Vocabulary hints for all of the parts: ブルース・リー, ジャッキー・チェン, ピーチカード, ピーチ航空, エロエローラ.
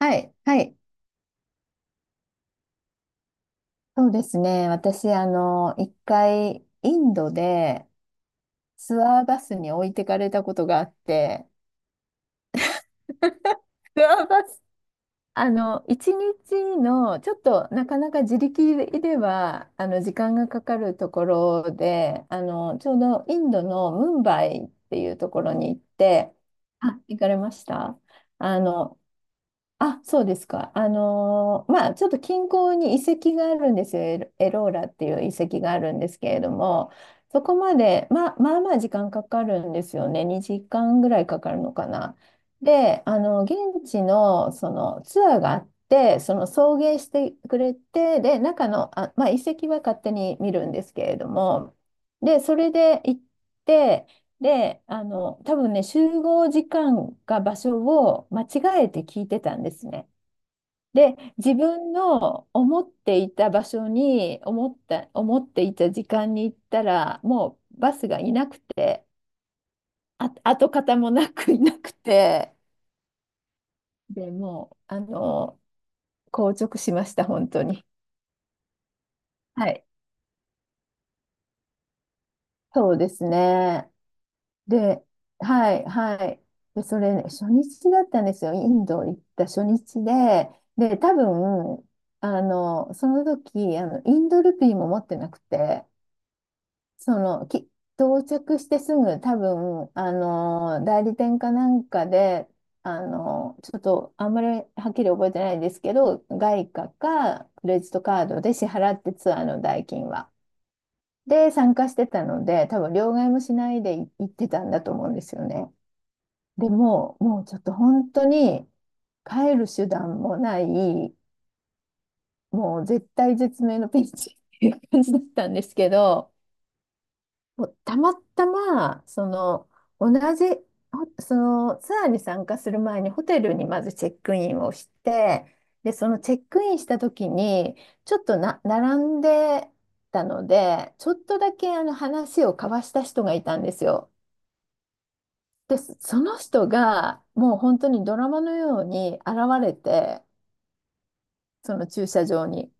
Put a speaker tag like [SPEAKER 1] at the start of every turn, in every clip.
[SPEAKER 1] はい、はい。そうですね。私、一回、インドでツアーバスに置いてかれたことがあって、ツアーバス、あの、一日の、ちょっとなかなか自力では、時間がかかるところで、ちょうどインドのムンバイっていうところに行って、あ、行かれました？あの、あ、そうですか。ちょっと近郊に遺跡があるんですよ。エローラっていう遺跡があるんですけれども、そこまで、まあ、まあまあ時間かかるんですよね。2時間ぐらいかかるのかな。で、現地のそのツアーがあって、その送迎してくれて、で、中の、あ、まあ、遺跡は勝手に見るんですけれども、で、それで行って、で、多分ね、集合時間か場所を間違えて聞いてたんですね。で、自分の思っていた場所に、思っていた時間に行ったら、もうバスがいなくて、あ、跡形もなくいなくて、で、もう、硬直しました、本当に。はい。そうですね。で、はい、はい。で、それね、初日だったんですよ。インド行った初日で。で、多分、あの、その時、インドルピーも持ってなくて、その、き、到着してすぐ、多分、代理店かなんかで、あの、ちょっと、あんまりはっきり覚えてないですけど、外貨かクレジットカードで支払ってツアーの代金は。で、参加してたので、多分、両替もしないで行ってたんだと思うんですよね。でもう、もうちょっと本当に帰る手段もない、もう絶対絶命のピンチっていう感じだったんですけど、もうたまたま、その、同じ、ほそのツアーに参加する前にホテルにまずチェックインをして、で、そのチェックインした時に、ちょっとな、並んでたので、ちょっとだけあの話を交わした人がいたんですよ。で、その人がもう本当にドラマのように現れて、その駐車場に。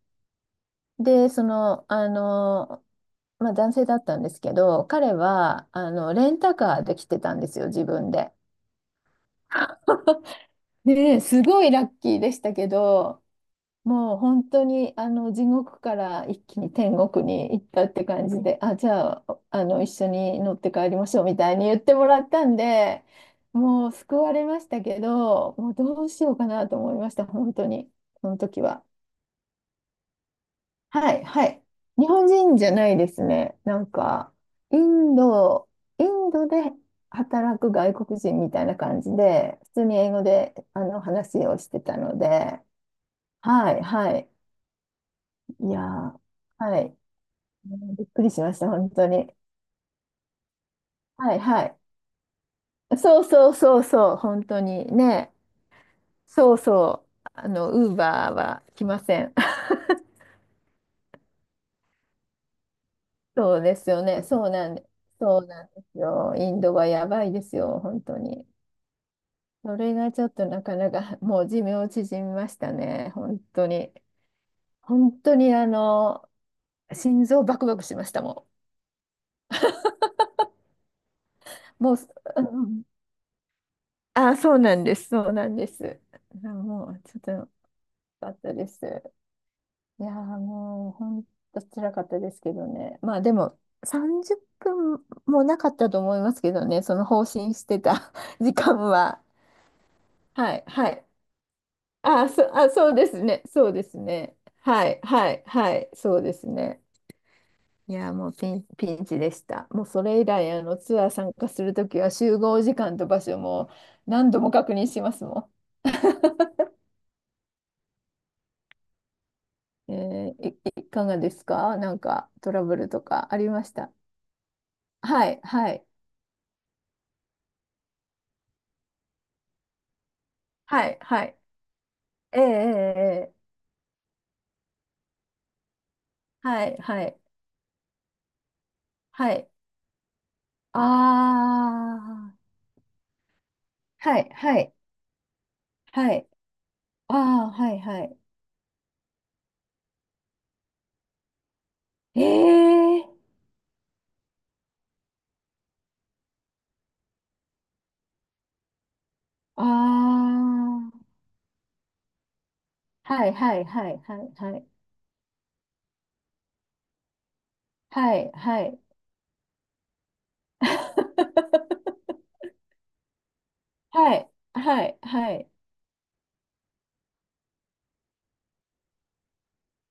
[SPEAKER 1] で、まあ、男性だったんですけど、彼は、レンタカーで来てたんですよ、自分で。で、すごいラッキーでしたけど、もう本当にあの地獄から一気に天国に行ったって感じで、あ、じゃあ、あの一緒に乗って帰りましょうみたいに言ってもらったんで、もう救われましたけど、もうどうしようかなと思いました、本当に、その時は。はい、はい。日本人じゃないですね。なんか、インド、インドで働く外国人みたいな感じで、普通に英語であの話をしてたので、はい、はい。いやー、はい。うんびっくりしました、本当に。はいはい。そうそうそうそう、本当にね。そうそう。あの、ウーバーは来ません。そうですよね。そうなんで、そうなんですよ。インドはやばいですよ、本当に。それがちょっとなかなか、もう寿命縮みましたね、本当に。本当に、心臓バクバクしましたもん。もう、うんあ、そうなんです、そうなんです。あもう、ちょっと、よかったです。いやー、もう、ほんと辛かったですけどね。まあ、でも、30分もなかったと思いますけどね、その放心してた 時間は。はい、はい。あ、そうですね、そうですね。はい、はい、はい、そうですね。いやー、もうピン、ピンチでした。もう、それ以来、ツアー参加するときは、集合時間と場所も何度も確認しますもん。えーい、いかがですか？なんか、トラブルとかありました？はい、はい。はい、はい。ええ、ええ、ええはい、はい、はい。ああ、はい、はい、はい。ああ、はい、はい。ええ、ああ、はい、はい、はい、はい、はい、はい、はい。はい、はい、はい、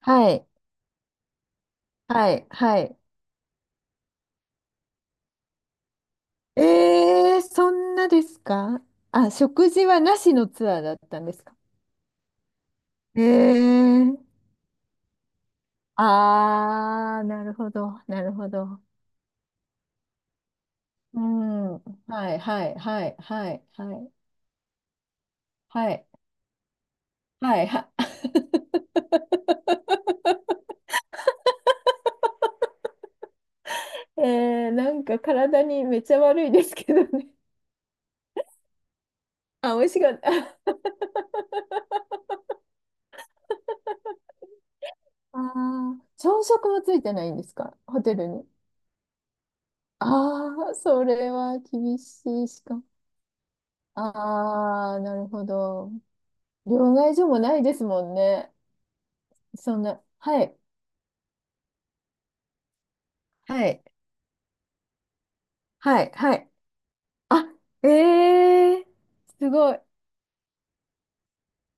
[SPEAKER 1] はい、はい、はい。ええ、そんなですか？あ、食事はなしのツアーだったんですか？ええ、ああ、なるほど、なるほど。うん。はいはいはいはいはいはいはいは えー、なんか体にめっちゃ悪いですけどね。あ、美味しかった。ああ、朝食もついてないんですかホテルに？ああ、それは厳しいしかも。ああ、なるほど。両替所もないですもんね。そんな。はい。はい。はい。はい。あ、ええー、すごい。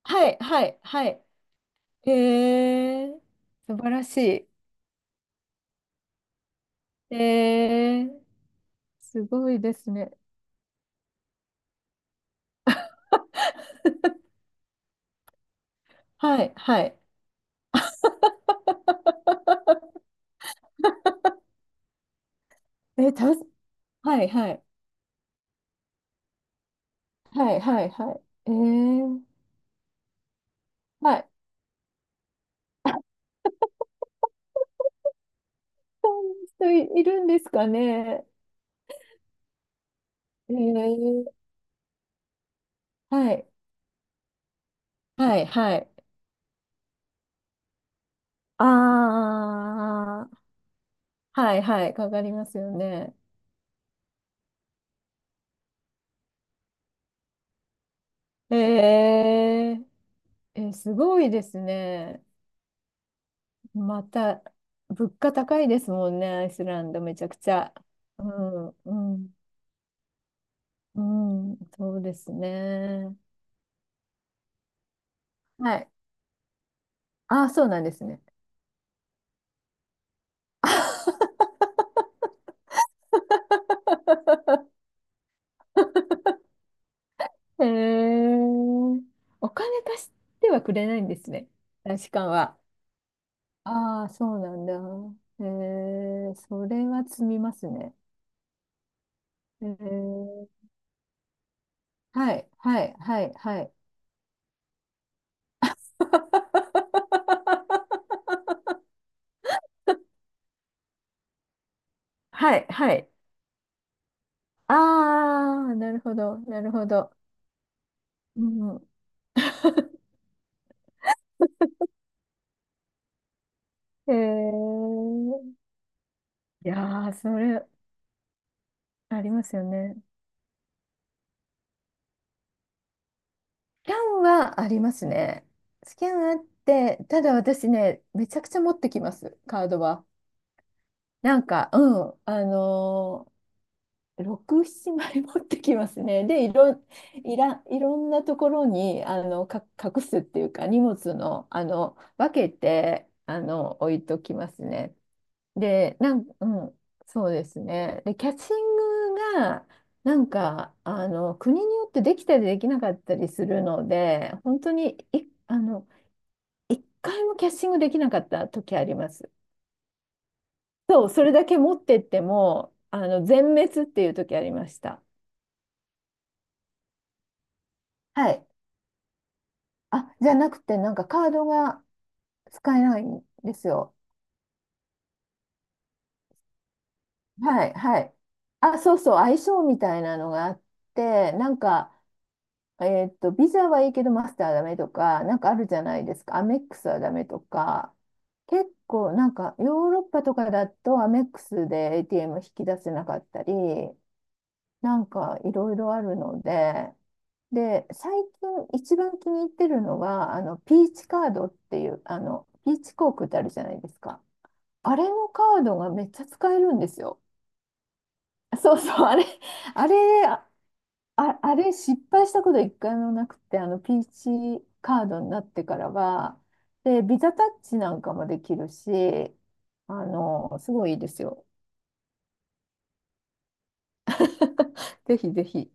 [SPEAKER 1] はい。はい。はい。えー、素晴らしい。えー、すごいですね。はい、はい。え、たす、はい、はい。はい、はい、はい。えー、はい。あ、そんな人いるんですかね？えー、はい、はい、はい。あー、はい、はい。かかりますよね。えー、え、すごいですね。また、物価高いですもんね、アイスランドめちゃくちゃ。うん、うん、うん、そうですね。はい。ああ、そうなんですね。へえ、お金貸してはくれないんですね、大使館は。ああ、そうなんだ。へえー、それは積みますね。へえー、はい、はい、はい、はい。はい、はい。ああ、なるほど、なるほど。うん、へえ。いやー、それ、ありますよね。スキャンはありますね。スキャンあって、ただ私ね、めちゃくちゃ持ってきます、カードは。なんか、うん、6、7枚持ってきますね。で、いろんなところに、隠すっていうか、荷物の、分けて、置いときますね。で、なんか、うん、そうですね。で、キャッチングが、なんか、国によってできたりできなかったりするので、本当に、い、あの、一回もキャッチングできなかった時あります。そう、それだけ持ってっても、全滅っていう時ありました。はい。あ、じゃなくて、なんかカードが使えないんですよ。はい、はい。あ、そうそう、相性みたいなのがあって、なんか、えーっと、ビザはいいけどマスターはダメとか、なんかあるじゃないですか。アメックスはダメとか。結構、なんかヨーロッパとかだとアメックスで ATM 引き出せなかったり、なんかいろいろあるので、で、最近一番気に入ってるのは、ピーチカードっていう、ピーチ航空ってあるじゃないですか。あれのカードがめっちゃ使えるんですよ。そうそう、あれ、あれ、あ、あれ失敗したこと一回もなくて、ピーチカードになってからは、で、ビザタッチなんかもできるし、すごいいいですよ。ぜひぜひ。